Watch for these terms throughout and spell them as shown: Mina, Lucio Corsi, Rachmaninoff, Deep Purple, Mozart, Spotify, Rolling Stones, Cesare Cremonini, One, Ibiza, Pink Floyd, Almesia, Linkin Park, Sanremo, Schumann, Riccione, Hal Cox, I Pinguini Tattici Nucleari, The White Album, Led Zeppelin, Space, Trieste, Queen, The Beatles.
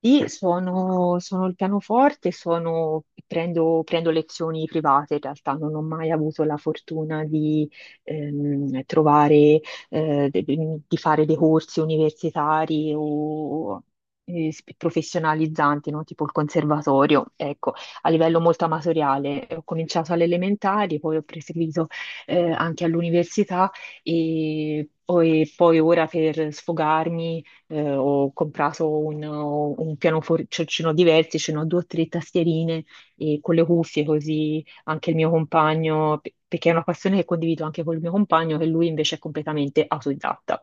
Sì, sono il pianoforte, prendo lezioni private, in realtà non ho mai avuto la fortuna di trovare, di fare dei corsi universitari o professionalizzanti, no? Tipo il conservatorio. Ecco, a livello molto amatoriale ho cominciato alle elementari, poi ho proseguito anche all'università e poi ora per sfogarmi ho comprato un pianoforcino di vertice, no? Due o tre tastierine e con le cuffie così anche il mio compagno, perché è una passione che condivido anche col mio compagno, che lui invece è completamente autodidatta,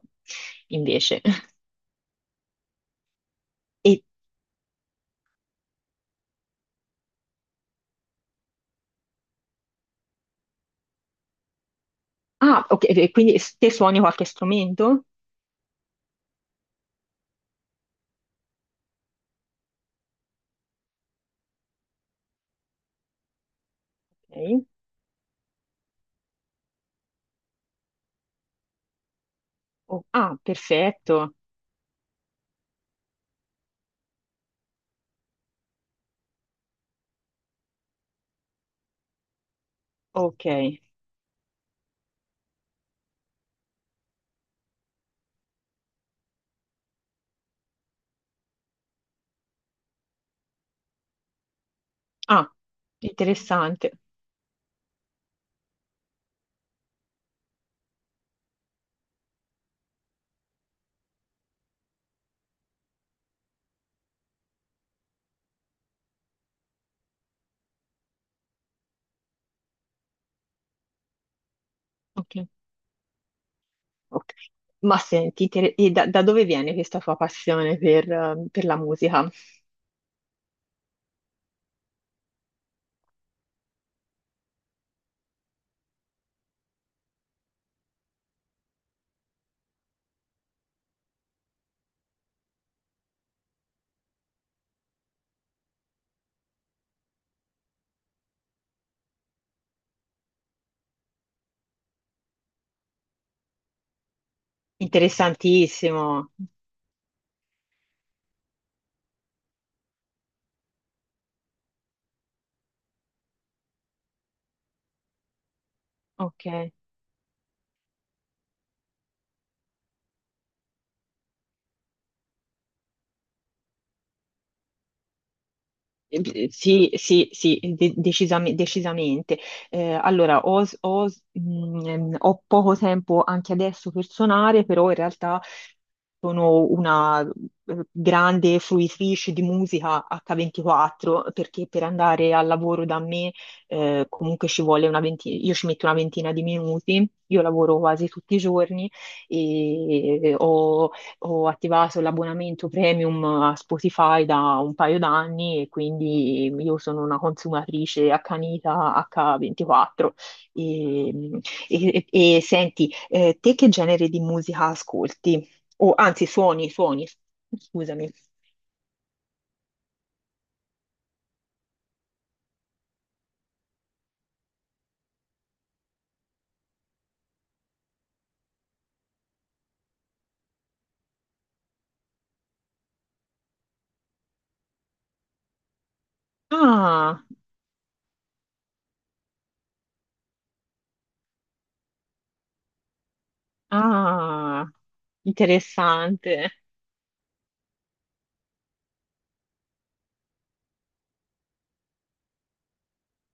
invece. E, ah, ok, e quindi te suoni qualche strumento? Ok. Oh, ah, perfetto, ok. Ah, interessante. Ok. Ok. Ma senti, e da dove viene questa tua passione per la musica? Interessantissimo. Ok. Sì, sì, sì, decisamente. Allora, ho poco tempo anche adesso per suonare, però in realtà sono una grande fruitrice di musica H24 perché per andare al lavoro da me comunque ci vuole una ventina, io ci metto una ventina di minuti, io lavoro quasi tutti i giorni e ho attivato l'abbonamento premium a Spotify da un paio d'anni e quindi io sono una consumatrice accanita H24. E, e senti, te che genere di musica ascolti? O anzi, suoni, suoni, scusami. Ah, ah, interessante.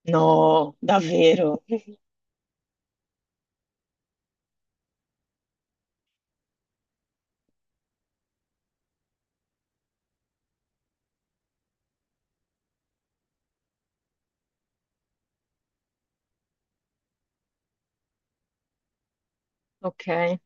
No, davvero. Ok.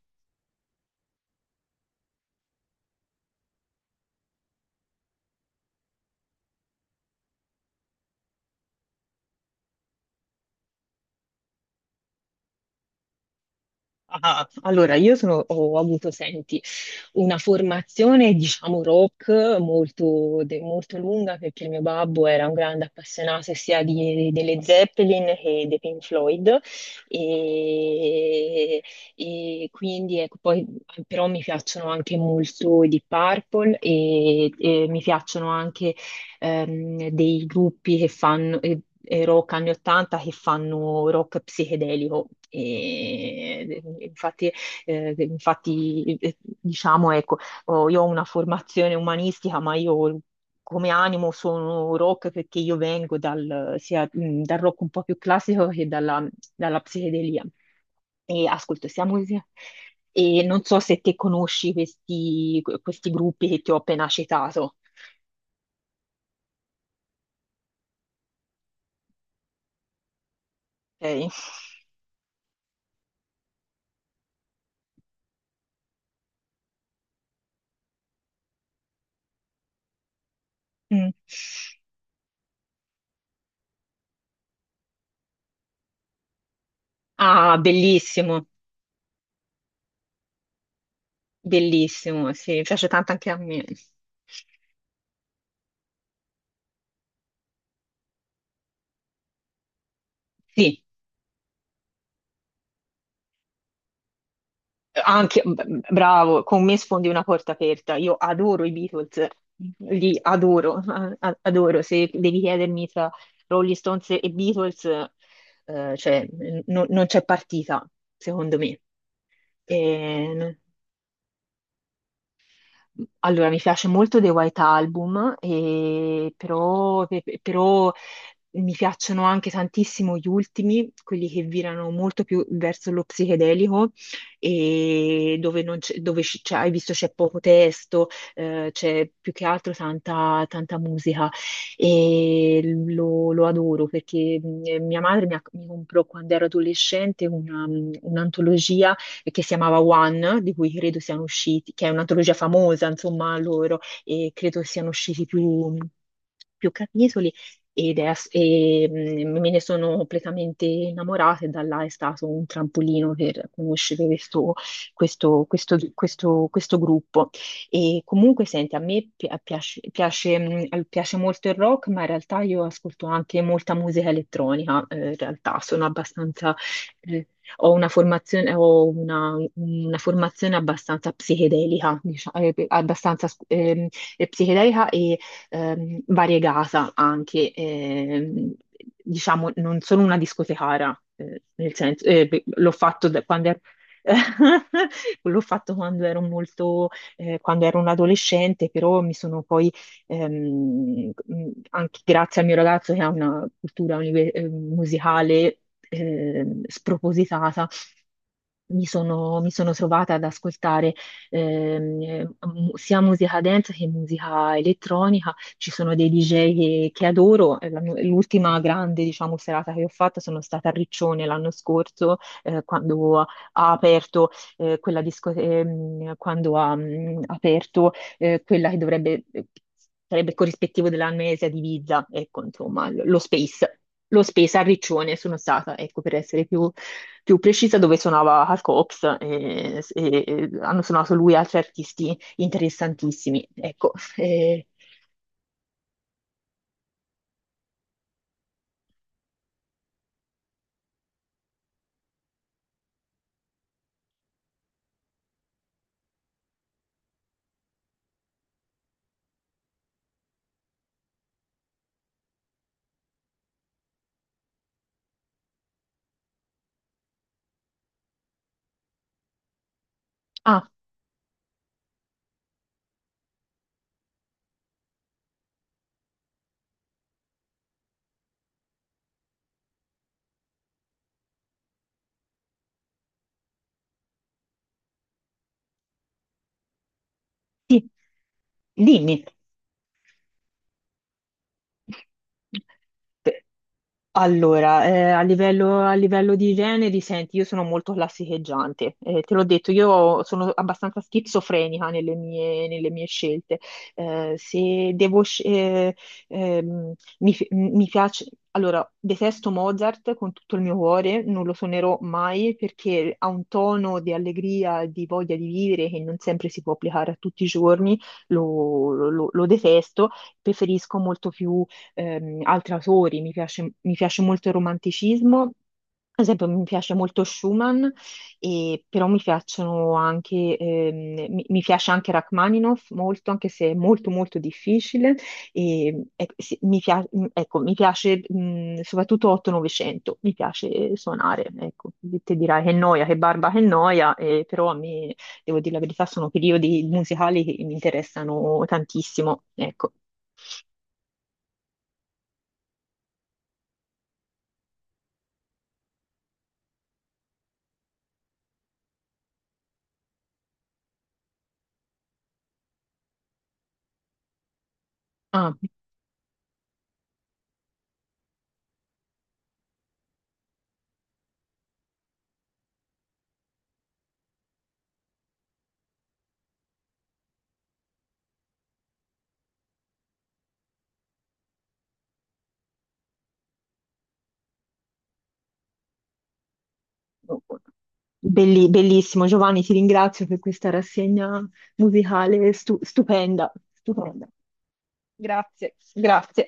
Ah, allora, io ho avuto, senti, una formazione, diciamo, rock molto, molto lunga perché il mio babbo era un grande appassionato sia delle Zeppelin che dei Pink Floyd e, e quindi ecco, poi però mi piacciono anche molto i Deep Purple e mi piacciono anche dei gruppi che fanno rock anni 80 che fanno rock psichedelico. Infatti, diciamo, ecco, io ho una formazione umanistica, ma io come animo sono rock perché io vengo dal rock un po' più classico che dalla psichedelia. E ascolto sia musica. E non so se te conosci questi gruppi che ti ho appena citato. Ok. Mm. Ah, bellissimo, bellissimo, sì, mi piace tanto anche a me. Sì. Anche, bravo, con me sfondi una porta aperta. Io adoro i Beatles, li adoro, adoro. Se devi chiedermi tra Rolling Stones e Beatles, cioè, non c'è partita, secondo me. Allora, mi piace molto The White Album, e però mi piacciono anche tantissimo gli ultimi, quelli che virano molto più verso lo psichedelico, e dove, non c'è- dove c- c'è- hai visto c'è poco testo, c'è più che altro tanta musica e lo adoro perché mia madre mi comprò quando ero adolescente un'antologia che si chiamava One, di cui credo siano usciti, che è un'antologia famosa, insomma, loro, e credo siano usciti più capitoli. Ed è ass- e, mm, me ne sono completamente innamorata e da là è stato un trampolino per conoscere questo gruppo. E comunque, senti, a me piace molto il rock, ma in realtà io ascolto anche molta musica elettronica, in realtà sono abbastanza eh, ho una formazione abbastanza psichedelica, diciamo, psichedelica e variegata anche. Diciamo, non sono una discotecara, nel senso, beh, l'ho fatto da quando ero. L'ho fatto quando ero un adolescente, però mi sono poi anche grazie al mio ragazzo che ha una cultura musicale spropositata, mi sono trovata ad ascoltare ehm, eh, sia musica dance che musica elettronica. Ci sono dei DJ che adoro. L'ultima grande, diciamo, serata che ho fatto sono stata a Riccione l'anno scorso, quando ha aperto quella discoteca, quando ha aperto quella che sarebbe corrispettivo della Almesia di Ibiza, ecco, insomma, lo Space a Riccione sono stata, ecco, per essere più, precisa, dove suonava Hal Cox e hanno suonato lui e altri artisti interessantissimi, ecco. Eh, ah, sì, dimmi. Allora, a livello di generi, senti, io sono molto classicheggiante. Te l'ho detto, io sono abbastanza schizofrenica nelle mie scelte. Se devo, sc- ehm, mi, fi- mi piace, allora, detesto Mozart con tutto il mio cuore, non lo suonerò mai perché ha un tono di allegria, e di voglia di vivere che non sempre si può applicare a tutti i giorni, lo detesto, preferisco molto più altri autori, mi piace molto il romanticismo, ad esempio mi piace molto Schumann, però mi piacciono anche, mi piace anche Rachmaninoff molto, anche se è molto molto difficile. E, ecco, sì, mi, pia- ecco, mi piace soprattutto 8-900, mi piace suonare, ecco, te dirai che noia, che barba, che noia, però a me, devo dire la verità, sono periodi musicali che mi interessano tantissimo, ecco. Ah. Bellissimo, Giovanni, ti ringrazio per questa rassegna musicale stupenda, stupenda. Grazie, grazie.